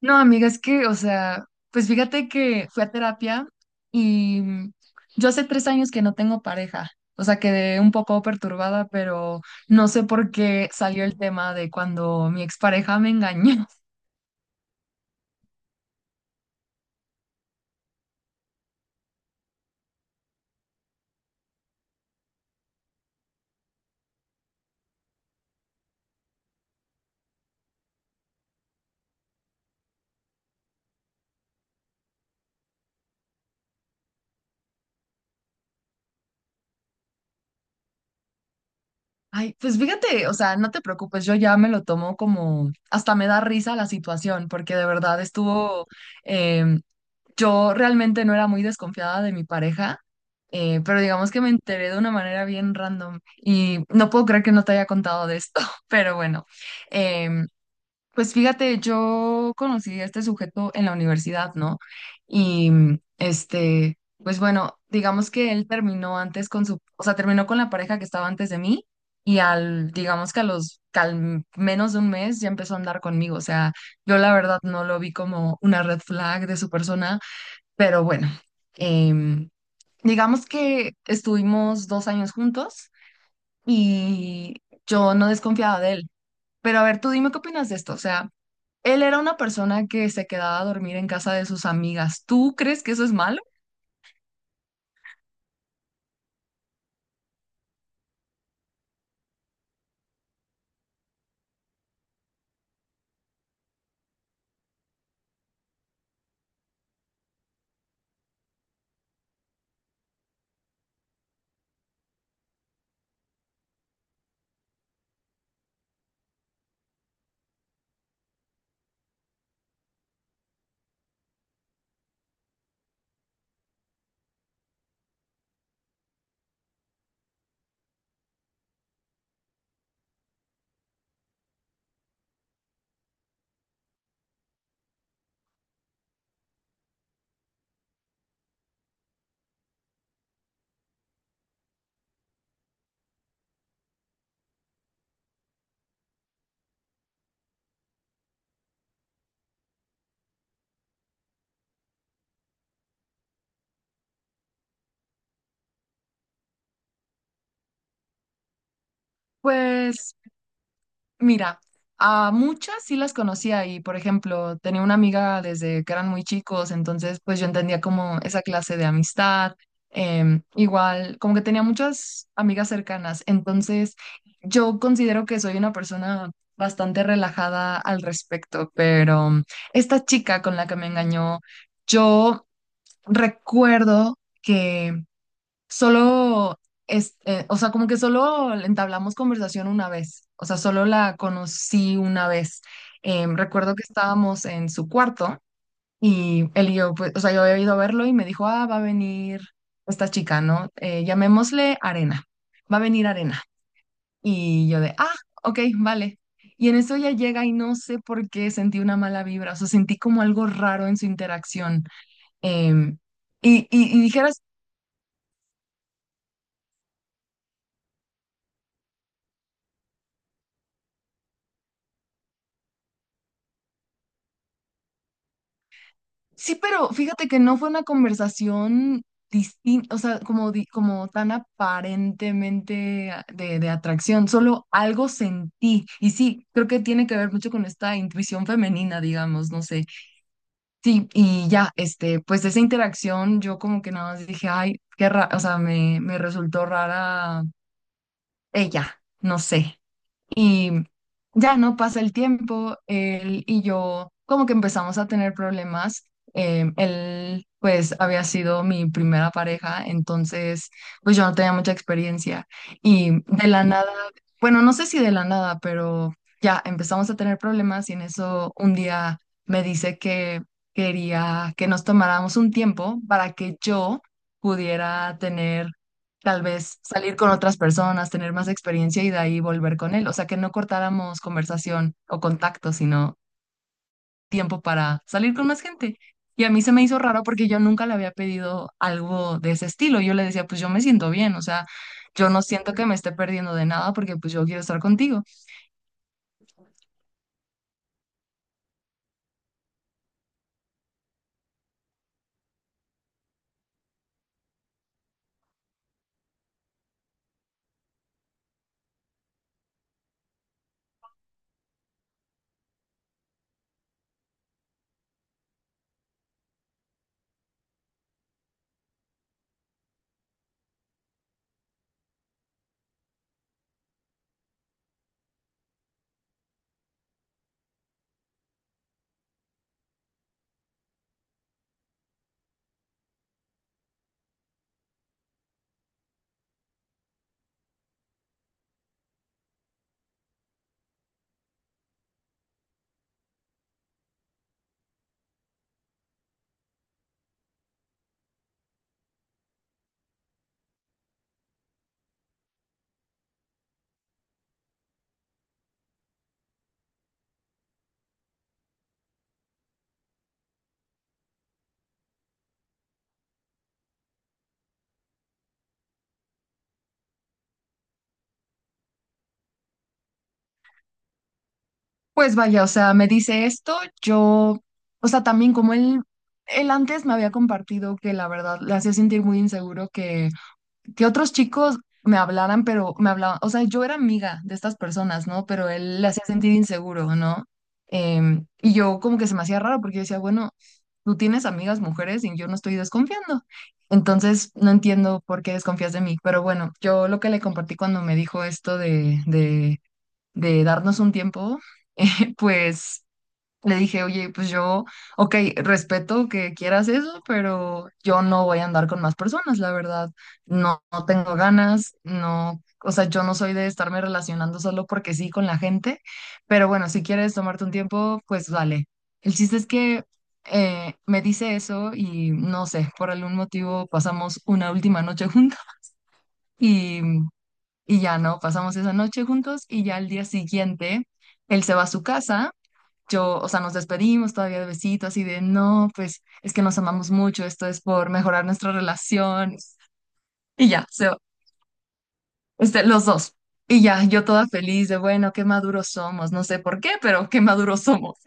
No, amiga, es que, o sea, pues fíjate que fui a terapia y yo hace 3 años que no tengo pareja. O sea, quedé un poco perturbada, pero no sé por qué salió el tema de cuando mi expareja me engañó. Ay, pues fíjate, o sea, no te preocupes, yo ya me lo tomo como, hasta me da risa la situación, porque de verdad estuvo. em, Yo realmente no era muy desconfiada de mi pareja, pero digamos que me enteré de una manera bien random y no puedo creer que no te haya contado de esto. Pero bueno, em, pues fíjate, yo conocí a este sujeto en la universidad, ¿no? Y este, pues bueno, digamos que él terminó antes con su, o sea, terminó con la pareja que estaba antes de mí y al, digamos que a los, que al menos de un mes ya empezó a andar conmigo. O sea, yo la verdad no lo vi como una red flag de su persona, pero bueno, em, digamos que estuvimos 2 años juntos y yo no desconfiaba de él. Pero a ver, tú dime qué opinas de esto. O sea, él era una persona que se quedaba a dormir en casa de sus amigas. ¿Tú crees que eso es malo? Pues mira, a muchas sí las conocía y, por ejemplo, tenía una amiga desde que eran muy chicos, entonces pues yo entendía como esa clase de amistad. Igual, como que tenía muchas amigas cercanas, entonces yo considero que soy una persona bastante relajada al respecto. Pero esta chica con la que me engañó, yo recuerdo que solo es, o sea, como que solo entablamos conversación una vez, o sea, solo la conocí una vez. Recuerdo que estábamos en su cuarto y él y yo, pues, o sea, yo había ido a verlo y me dijo, ah, va a venir esta chica, ¿no? Llamémosle Arena, va a venir Arena. Y yo de, ah, ok, vale. Y en eso ella llega y no sé por qué sentí una mala vibra, o sea, sentí como algo raro en su interacción. Em, y dijeras. Sí, pero fíjate que no fue una conversación distinta, o sea, como, como tan aparentemente de, atracción, solo algo sentí. Y sí, creo que tiene que ver mucho con esta intuición femenina, digamos, no sé. Sí, y ya, este, pues esa interacción yo como que nada más dije, ay, qué raro, o sea, me resultó rara ella, no sé. Y ya no pasa el tiempo, él y yo como que empezamos a tener problemas. Él pues había sido mi primera pareja, entonces pues yo no tenía mucha experiencia. Y de la nada, bueno, no sé si de la nada, pero ya empezamos a tener problemas y en eso un día me dice que quería que nos tomáramos un tiempo para que yo pudiera tener, tal vez salir con otras personas, tener más experiencia y de ahí volver con él. O sea, que no cortáramos conversación o contacto, sino tiempo para salir con más gente. Y a mí se me hizo raro porque yo nunca le había pedido algo de ese estilo. Yo le decía, pues yo me siento bien, o sea, yo no siento que me esté perdiendo de nada porque pues yo quiero estar contigo. Pues vaya, o sea, me dice esto, yo, o sea, también como él antes me había compartido que la verdad le hacía sentir muy inseguro que otros chicos me hablaran, pero me hablaban, o sea, yo era amiga de estas personas, ¿no? Pero él le hacía sentir inseguro, ¿no? Y yo como que se me hacía raro porque yo decía, bueno, tú tienes amigas mujeres y yo no estoy desconfiando. Entonces, no entiendo por qué desconfías de mí, pero bueno, yo lo que le compartí cuando me dijo esto de, darnos un tiempo, pues le dije, oye, pues yo, ok, respeto que quieras eso, pero yo no voy a andar con más personas, la verdad. No, no tengo ganas, no, o sea, yo no soy de estarme relacionando solo porque sí con la gente, pero bueno, si quieres tomarte un tiempo, pues vale. El chiste es que me dice eso y no sé, por algún motivo pasamos una última noche juntos y, y ya no, pasamos esa noche juntos y ya al día siguiente él se va a su casa. Yo, o sea, nos despedimos todavía de besitos así de, no, pues es que nos amamos mucho, esto es por mejorar nuestra relación, y ya, se, este, los dos. Y ya, yo toda feliz de, bueno, qué maduros somos, no sé por qué, pero qué maduros somos.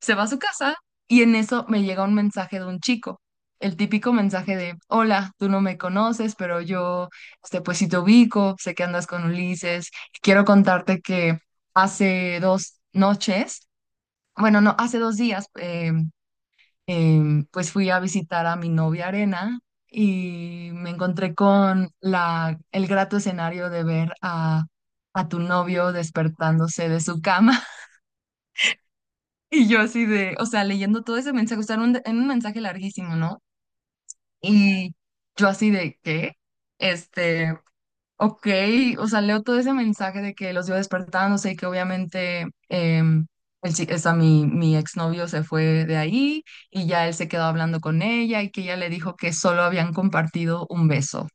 Se va a su casa y en eso me llega un mensaje de un chico, el típico mensaje de, hola, tú no me conoces, pero yo, este, pues sí te ubico, sé que andas con Ulises, quiero contarte que hace 2 noches, bueno, no, hace 2 días, pues fui a visitar a mi novia Arena y me encontré con la, el grato escenario de ver a tu novio despertándose de su cama. Y yo así de, o sea, leyendo todo ese mensaje, o sea, era un, mensaje larguísimo, ¿no? Y yo así de, ¿qué? Este, ok, o sea, leo todo ese mensaje de que los iba despertando, sé que obviamente o sea, mi exnovio se fue de ahí y ya él se quedó hablando con ella y que ella le dijo que solo habían compartido un beso.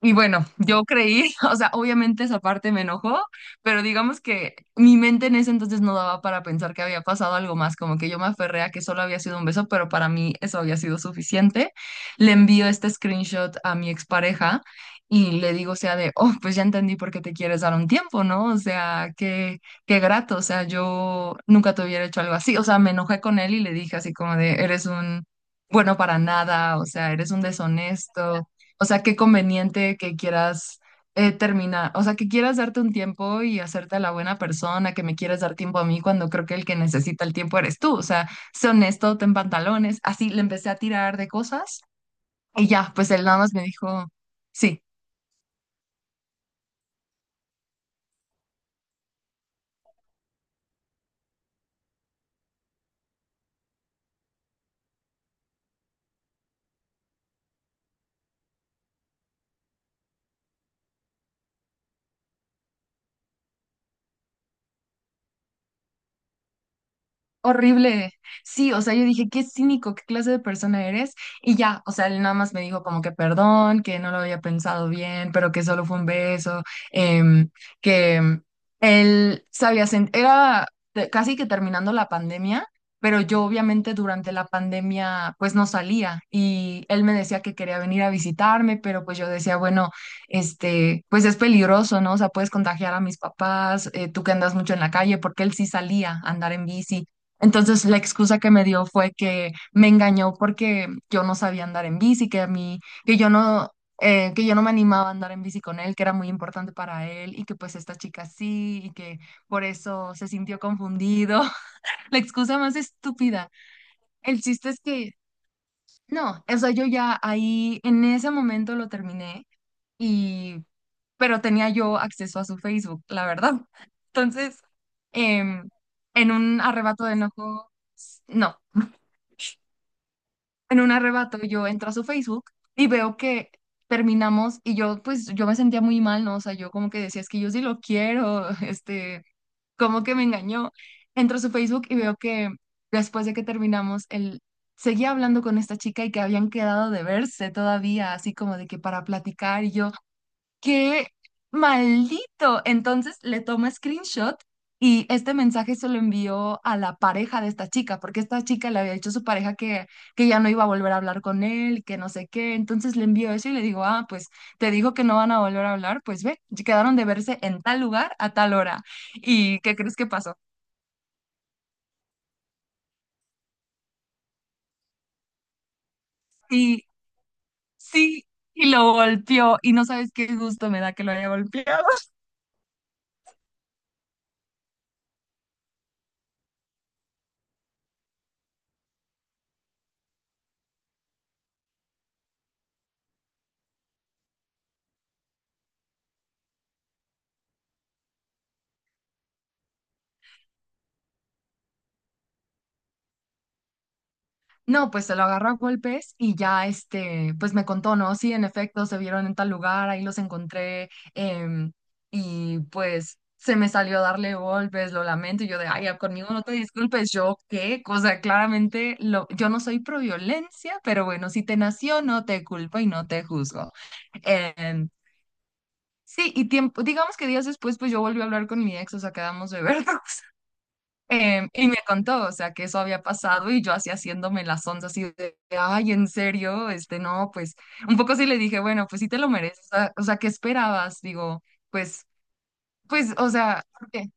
Y bueno, yo creí, o sea, obviamente esa parte me enojó, pero digamos que mi mente en ese entonces no daba para pensar que había pasado algo más, como que yo me aferré a que solo había sido un beso, pero para mí eso había sido suficiente. Le envío este screenshot a mi expareja y le digo, o sea, de, oh, pues ya entendí por qué te quieres dar un tiempo, ¿no? O sea, qué grato, o sea, yo nunca te hubiera hecho algo así, o sea, me enojé con él y le dije así como de, eres un bueno para nada, o sea, eres un deshonesto, o sea, qué conveniente que quieras terminar, o sea, que quieras darte un tiempo y hacerte la buena persona, que me quieres dar tiempo a mí cuando creo que el que necesita el tiempo eres tú. O sea, sé honesto, ten pantalones. Así le empecé a tirar de cosas y ya, pues él nada más me dijo, sí. Horrible. Sí, o sea, yo dije, qué cínico, qué clase de persona eres. Y ya, o sea, él nada más me dijo como que perdón, que no lo había pensado bien, pero que solo fue un beso. em, que em, Él sabía, era casi que terminando la pandemia, pero yo obviamente durante la pandemia pues no salía y él me decía que quería venir a visitarme, pero pues yo decía, bueno, este, pues es peligroso, ¿no? O sea, puedes contagiar a mis papás, tú que andas mucho en la calle, porque él sí salía a andar en bici. Entonces la excusa que me dio fue que me engañó porque yo no sabía andar en bici, que a mí, que yo no me animaba a andar en bici con él, que era muy importante para él y que pues esta chica sí y que por eso se sintió confundido. La excusa más estúpida. El chiste es que no, o sea, yo ya ahí en ese momento lo terminé y, pero tenía yo acceso a su Facebook, la verdad. Entonces, em, en un arrebato de enojo, no. En un arrebato yo entro a su Facebook y veo que terminamos y yo, pues yo me sentía muy mal, ¿no? O sea, yo como que decía, es que yo sí lo quiero, este, como que me engañó. Entro a su Facebook y veo que después de que terminamos, él seguía hablando con esta chica y que habían quedado de verse todavía, así como de que para platicar, y yo, ¡qué maldito! Entonces le toma screenshot y este mensaje se lo envió a la pareja de esta chica, porque esta chica le había dicho a su pareja que ya no iba a volver a hablar con él, que no sé qué. Entonces le envió eso y le digo, ah, pues te digo que no van a volver a hablar, pues ve, ya quedaron de verse en tal lugar a tal hora. ¿Y qué crees que pasó? Y sí, y lo golpeó y no sabes qué gusto me da que lo haya golpeado. No, pues se lo agarró a golpes y ya, este, pues me contó, ¿no? Sí, en efecto, se vieron en tal lugar, ahí los encontré, em, y pues se me salió a darle golpes, lo lamento, y yo de, ay, ya, conmigo no te disculpes, yo qué, o sea, claramente lo, yo no soy pro violencia, pero bueno, si te nació, no te culpo y no te juzgo. Em, sí, y tiempo, digamos que días después, pues yo volví a hablar con mi ex, o sea, quedamos de vernos. Y me contó, o sea, que eso había pasado y yo así haciéndome las ondas así de, ay, en serio, este, no, pues, un poco sí le dije, bueno, pues sí te lo mereces, o sea, ¿qué esperabas? Digo, pues, o sea, ¿por qué?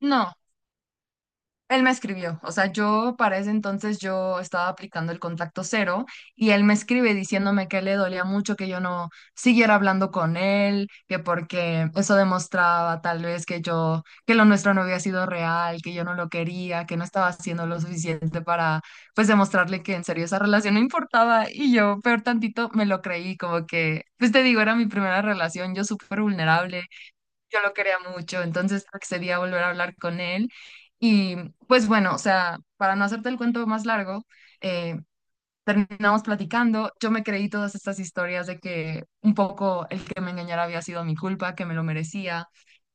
No. Él me escribió, o sea, yo para ese entonces yo estaba aplicando el contacto cero y él me escribe diciéndome que le dolía mucho que yo no siguiera hablando con él, que porque eso demostraba tal vez, que lo nuestro no había sido real, que yo no lo quería, que no estaba haciendo lo suficiente para pues demostrarle que en serio esa relación no importaba y yo peor tantito me lo creí, como que, pues te digo, era mi primera relación, yo súper vulnerable, yo lo quería mucho, entonces accedí a volver a hablar con él. Y pues bueno, o sea, para no hacerte el cuento más largo, eh, terminamos platicando, yo me creí todas estas historias de que un poco el que me engañara había sido mi culpa, que me lo merecía.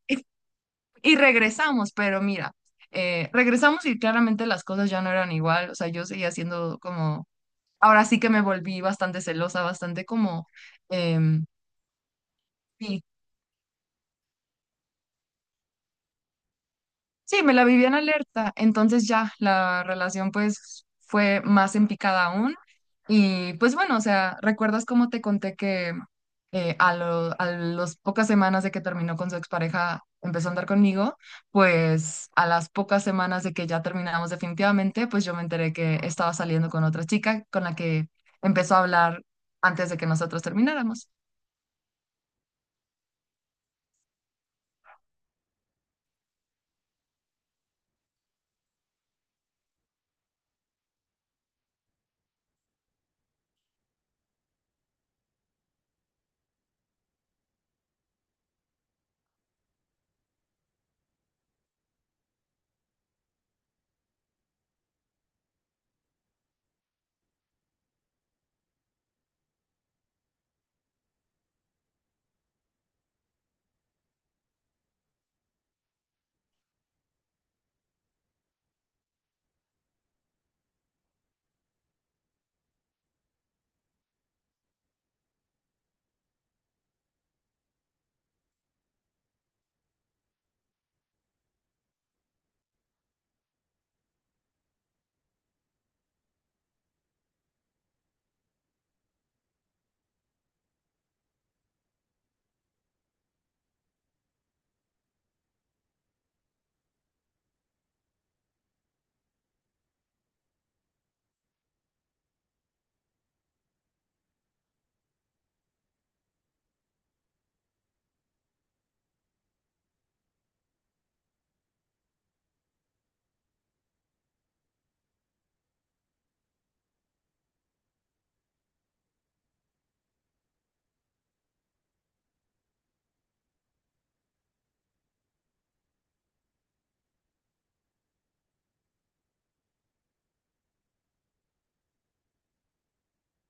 Y, y regresamos, pero mira, regresamos y claramente las cosas ya no eran igual, o sea, yo seguía siendo como, ahora sí que me volví bastante celosa, bastante como... Eh, sí, me la viví en alerta, entonces ya la relación pues fue más en picada aún y pues bueno, o sea, ¿recuerdas cómo te conté que a las pocas semanas de que terminó con su expareja empezó a andar conmigo? Pues a las pocas semanas de que ya terminamos definitivamente, pues yo me enteré que estaba saliendo con otra chica con la que empezó a hablar antes de que nosotros termináramos.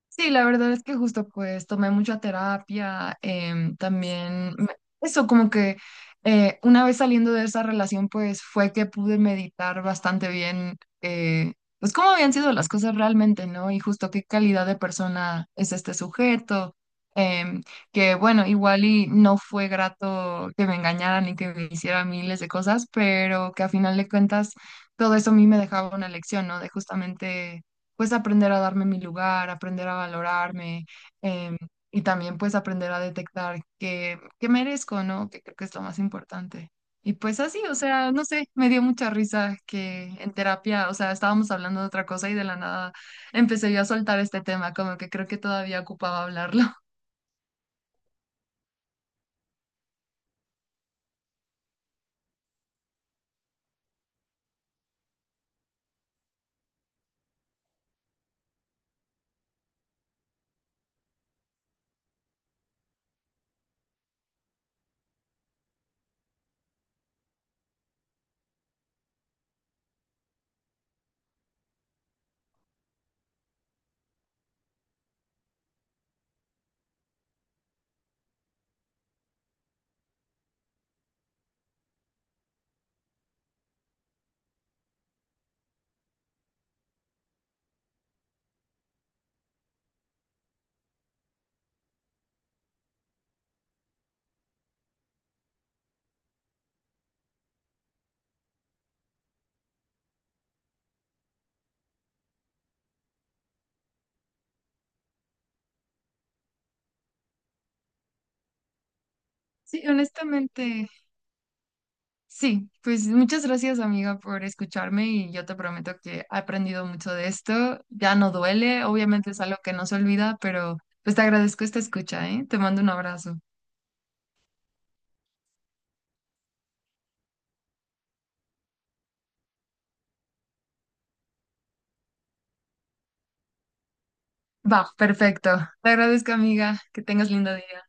Sí, la verdad es que justo pues tomé mucha terapia, también eso como que una vez saliendo de esa relación pues fue que pude meditar bastante bien, pues cómo habían sido las cosas realmente, ¿no? Y justo qué calidad de persona es este sujeto, em, que bueno, igual y no fue grato que me engañaran y que me hicieran miles de cosas, pero que a final de cuentas todo eso a mí me dejaba una lección, ¿no? De justamente pues aprender a darme mi lugar, aprender a valorarme, em, y también pues aprender a detectar, que merezco, ¿no? Que creo que es lo más importante. Y pues así, o sea, no sé, me dio mucha risa que en terapia, o sea, estábamos hablando de otra cosa y de la nada empecé yo a soltar este tema, como que creo que todavía ocupaba hablarlo. Sí, honestamente, sí, pues muchas gracias amiga por escucharme y yo te prometo que he aprendido mucho de esto. Ya no duele, obviamente es algo que no se olvida, pero pues te agradezco esta escucha, ¿eh? Te mando un abrazo. Va, perfecto. Te agradezco amiga, que tengas lindo día.